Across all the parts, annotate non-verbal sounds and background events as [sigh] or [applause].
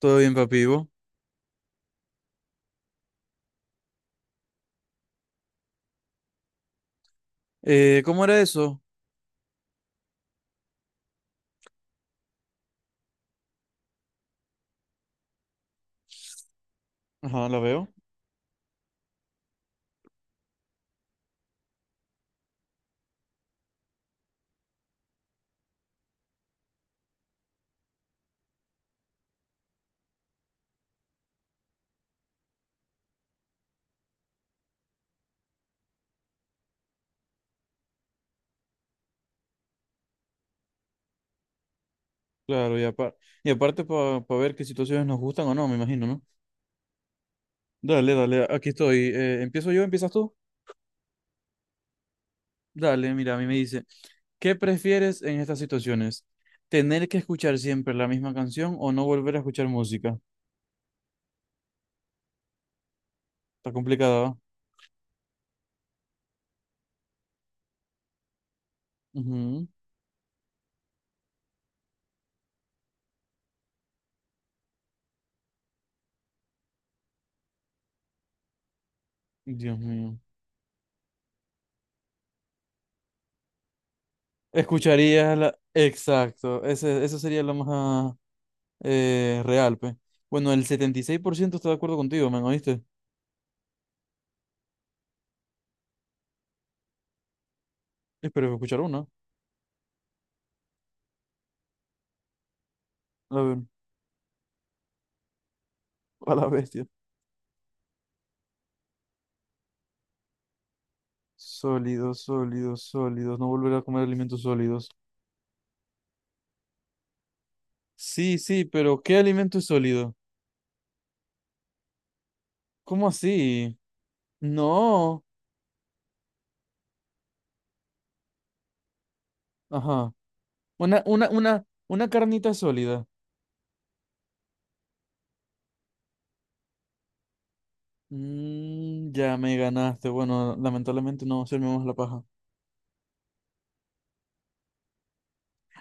Todo bien, papi. ¿Y vos? ¿Cómo era eso? Ajá, la veo. Claro, y aparte para ver qué situaciones nos gustan o no, me imagino, ¿no? Dale, dale, aquí estoy. ¿Empiezo yo? ¿Empiezas tú? Dale, mira, a mí me dice, ¿qué prefieres en estas situaciones? ¿Tener que escuchar siempre la misma canción o no volver a escuchar música? Está complicada, ¿va? Ujú. Dios mío. Escucharías la— Exacto, ese, eso sería lo más real, pues. Bueno, el 76% está de acuerdo contigo, ¿me oíste? Espero escuchar una. A ver, [laughs] a la bestia. Sólidos, sólidos, sólidos. No volver a comer alimentos sólidos. Sí, sí, pero ¿qué alimento es sólido? ¿Cómo así? No. Ajá. Una carnita sólida. Ya me ganaste. Bueno, lamentablemente no hacerme más la paja.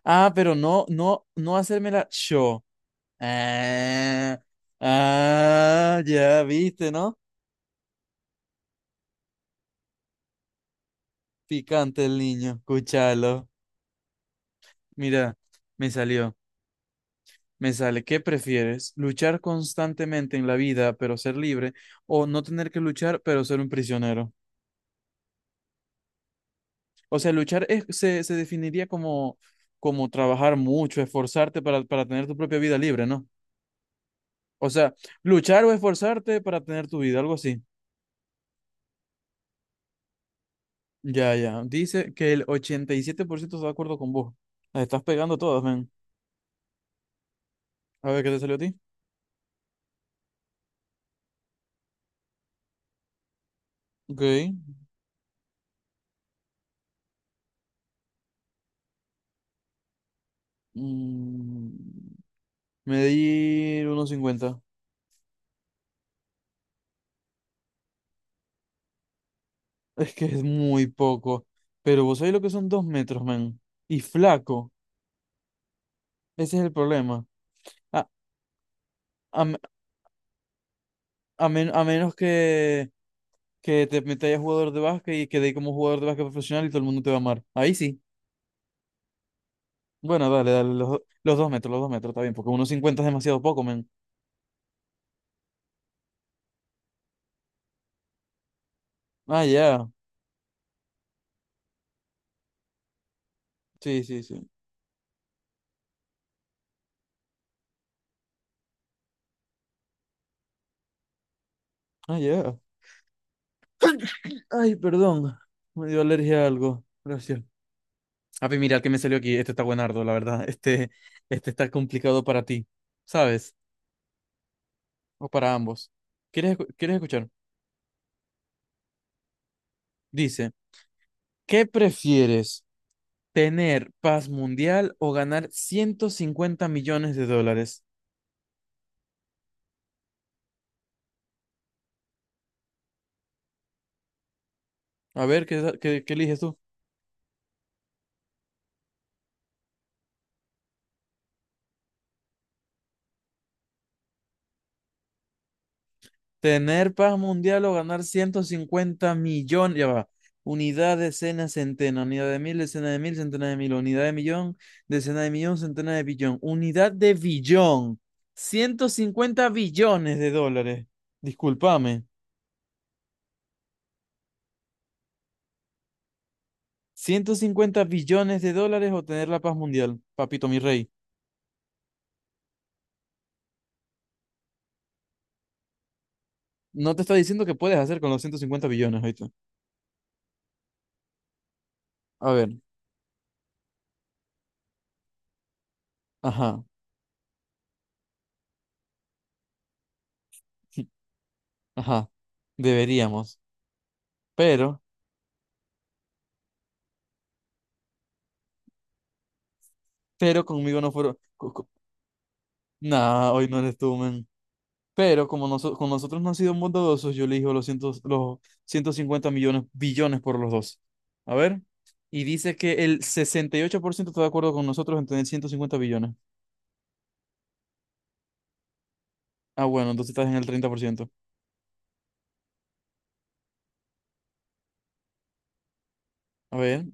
Ah, pero no, no, no hacérmela yo. Ah, ah, ya viste, ¿no? Picante el niño. Escúchalo. Mira, me salió. Me sale, ¿qué prefieres? ¿Luchar constantemente en la vida, pero ser libre? ¿O no tener que luchar, pero ser un prisionero? O sea, se definiría como trabajar mucho, esforzarte para tener tu propia vida libre, ¿no? O sea, luchar o esforzarte para tener tu vida, algo así. Ya, ya. Dice que el 87% está de acuerdo con vos. Las estás pegando todas, ven. A ver, ¿qué te salió a ti? Ok. Mm, Medir 1,50. Es que es muy poco. Pero vos sabés lo que son 2 metros, man. Y flaco. Ese es el problema. A, a, me- a menos que te metas a jugador de básquet y quedéis como jugador de básquet profesional y todo el mundo te va a amar. Ahí sí. Bueno, dale, dale. Los 2 metros, los 2 metros, está bien. Porque 1,50 es demasiado poco, man. Ah, ya. Sí, sí, sí. Ah, ya. Ay, perdón. Me dio alergia a algo. Gracias. Api, mira el que me salió aquí. Este está buenardo, la verdad. Este está complicado para ti. ¿Sabes? O para ambos. ¿Quieres escuchar? Dice, ¿qué prefieres? ¿Tener paz mundial o ganar $150 millones? A ver, ¿qué eliges tú? ¿Tener paz mundial o ganar 150 millones? Ya va. Unidad, decena, centena. Unidad de mil, decena de mil, centena de mil. Unidad de millón, decena de millón, centena de billón. Unidad de billón. $150 billones. Discúlpame. $150 billones o tener la paz mundial, papito mi rey. No te está diciendo que puedes hacer con los 150 billones ahorita. A ver, ajá, [laughs] ajá, deberíamos. Pero, conmigo no fueron. Nah, hoy no eres tú, men. Pero con nosotros no han sido bondadosos, yo elijo los, cientos, los 150 millones, billones por los dos. A ver, y dice que el 68% está de acuerdo con nosotros en tener 150 billones. Ah, bueno, entonces estás en el 30%. A ver,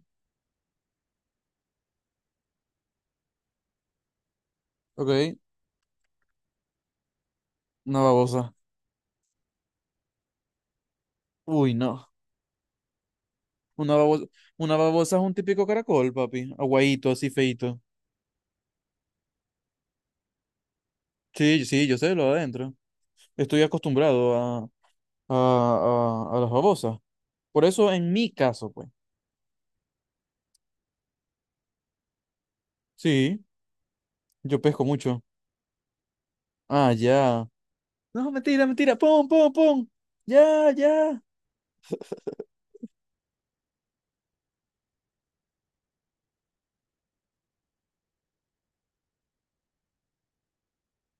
ok, una babosa. Uy, no. Una babosa, una babosa es un típico caracol, papi. Aguadito, así feito. Sí, sí, yo sé lo de adentro. Estoy acostumbrado a las babosas. Por eso, en mi caso, pues. Sí, yo pesco mucho. Ah, ya. No, mentira, mentira. Pum, pum, pum. Ya, ya.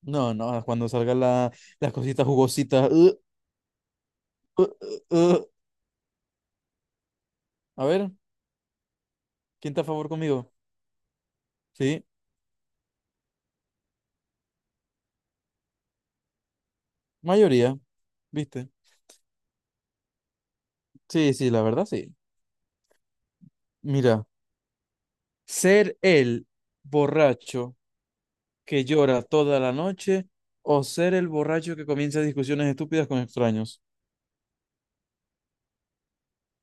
No, no, cuando salgan las cositas jugositas. Uh, uh, uh. A ver, ¿quién está a favor conmigo? Sí, mayoría, ¿viste? Sí, sí, la verdad, sí. Mira. ¿Ser el borracho que llora toda la noche o ser el borracho que comienza discusiones estúpidas con extraños?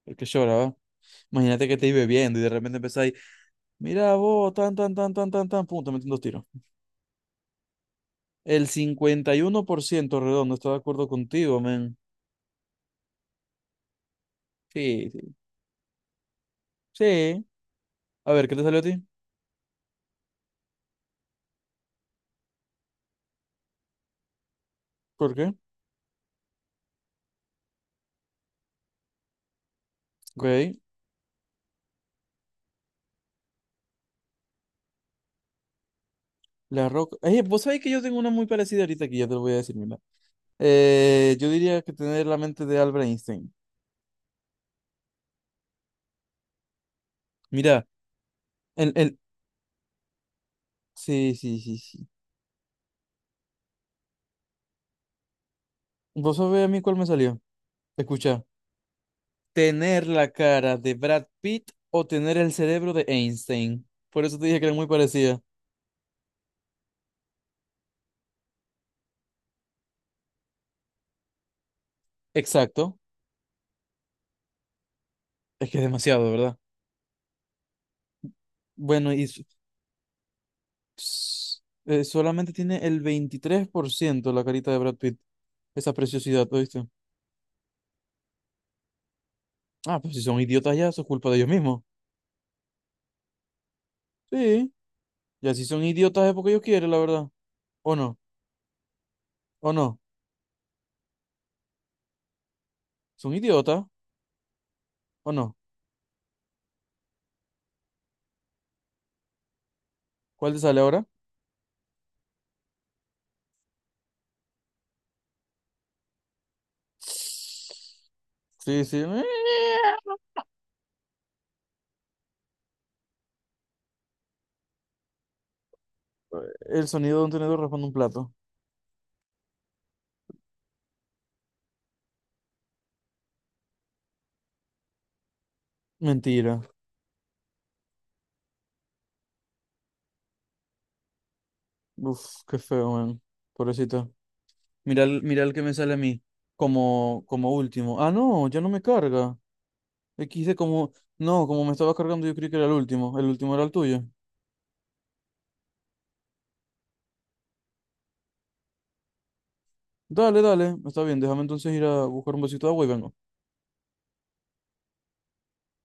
El que llora, ¿va? Imagínate que te ibas bebiendo y de repente empezáis, mira vos, tan, tan, tan, tan, tan, tan, pum, te meten dos tiros. El 51% redondo está de acuerdo contigo, men. Sí, sí. Sí. A ver, ¿qué te salió a ti? ¿Por qué? Ok. La Roca. Vos sabés que yo tengo una muy parecida ahorita aquí, ya te lo voy a decir, mira. Yo diría que tener la mente de Albert Einstein. Mira, el, el, sí, sí, sí, sí. Vos sabés a mí cuál me salió. Escucha, tener la cara de Brad Pitt o tener el cerebro de Einstein. Por eso te dije que era muy parecida. Exacto. Es que es demasiado, ¿verdad? Bueno, s- solamente tiene el 23% la carita de Brad Pitt. Esa preciosidad, ¿oíste? Ah, pues si son idiotas ya, eso es culpa de ellos mismos. Sí, ya si son idiotas es porque ellos quieren, la verdad. ¿O no? ¿O no? ¿Son idiotas? ¿O no? ¿Cuál te sale ahora? Sí, sí. El sonido de un tenedor raspando un plato. Mentira. Uf, qué feo, man. Pobrecito. Mira, mira el que me sale a mí. Como último. Ah, no, ya no me carga. XD como. No, como me estaba cargando, yo creí que era el último. El último era el tuyo. Dale, dale. Está bien, déjame entonces ir a buscar un vasito de agua y vengo.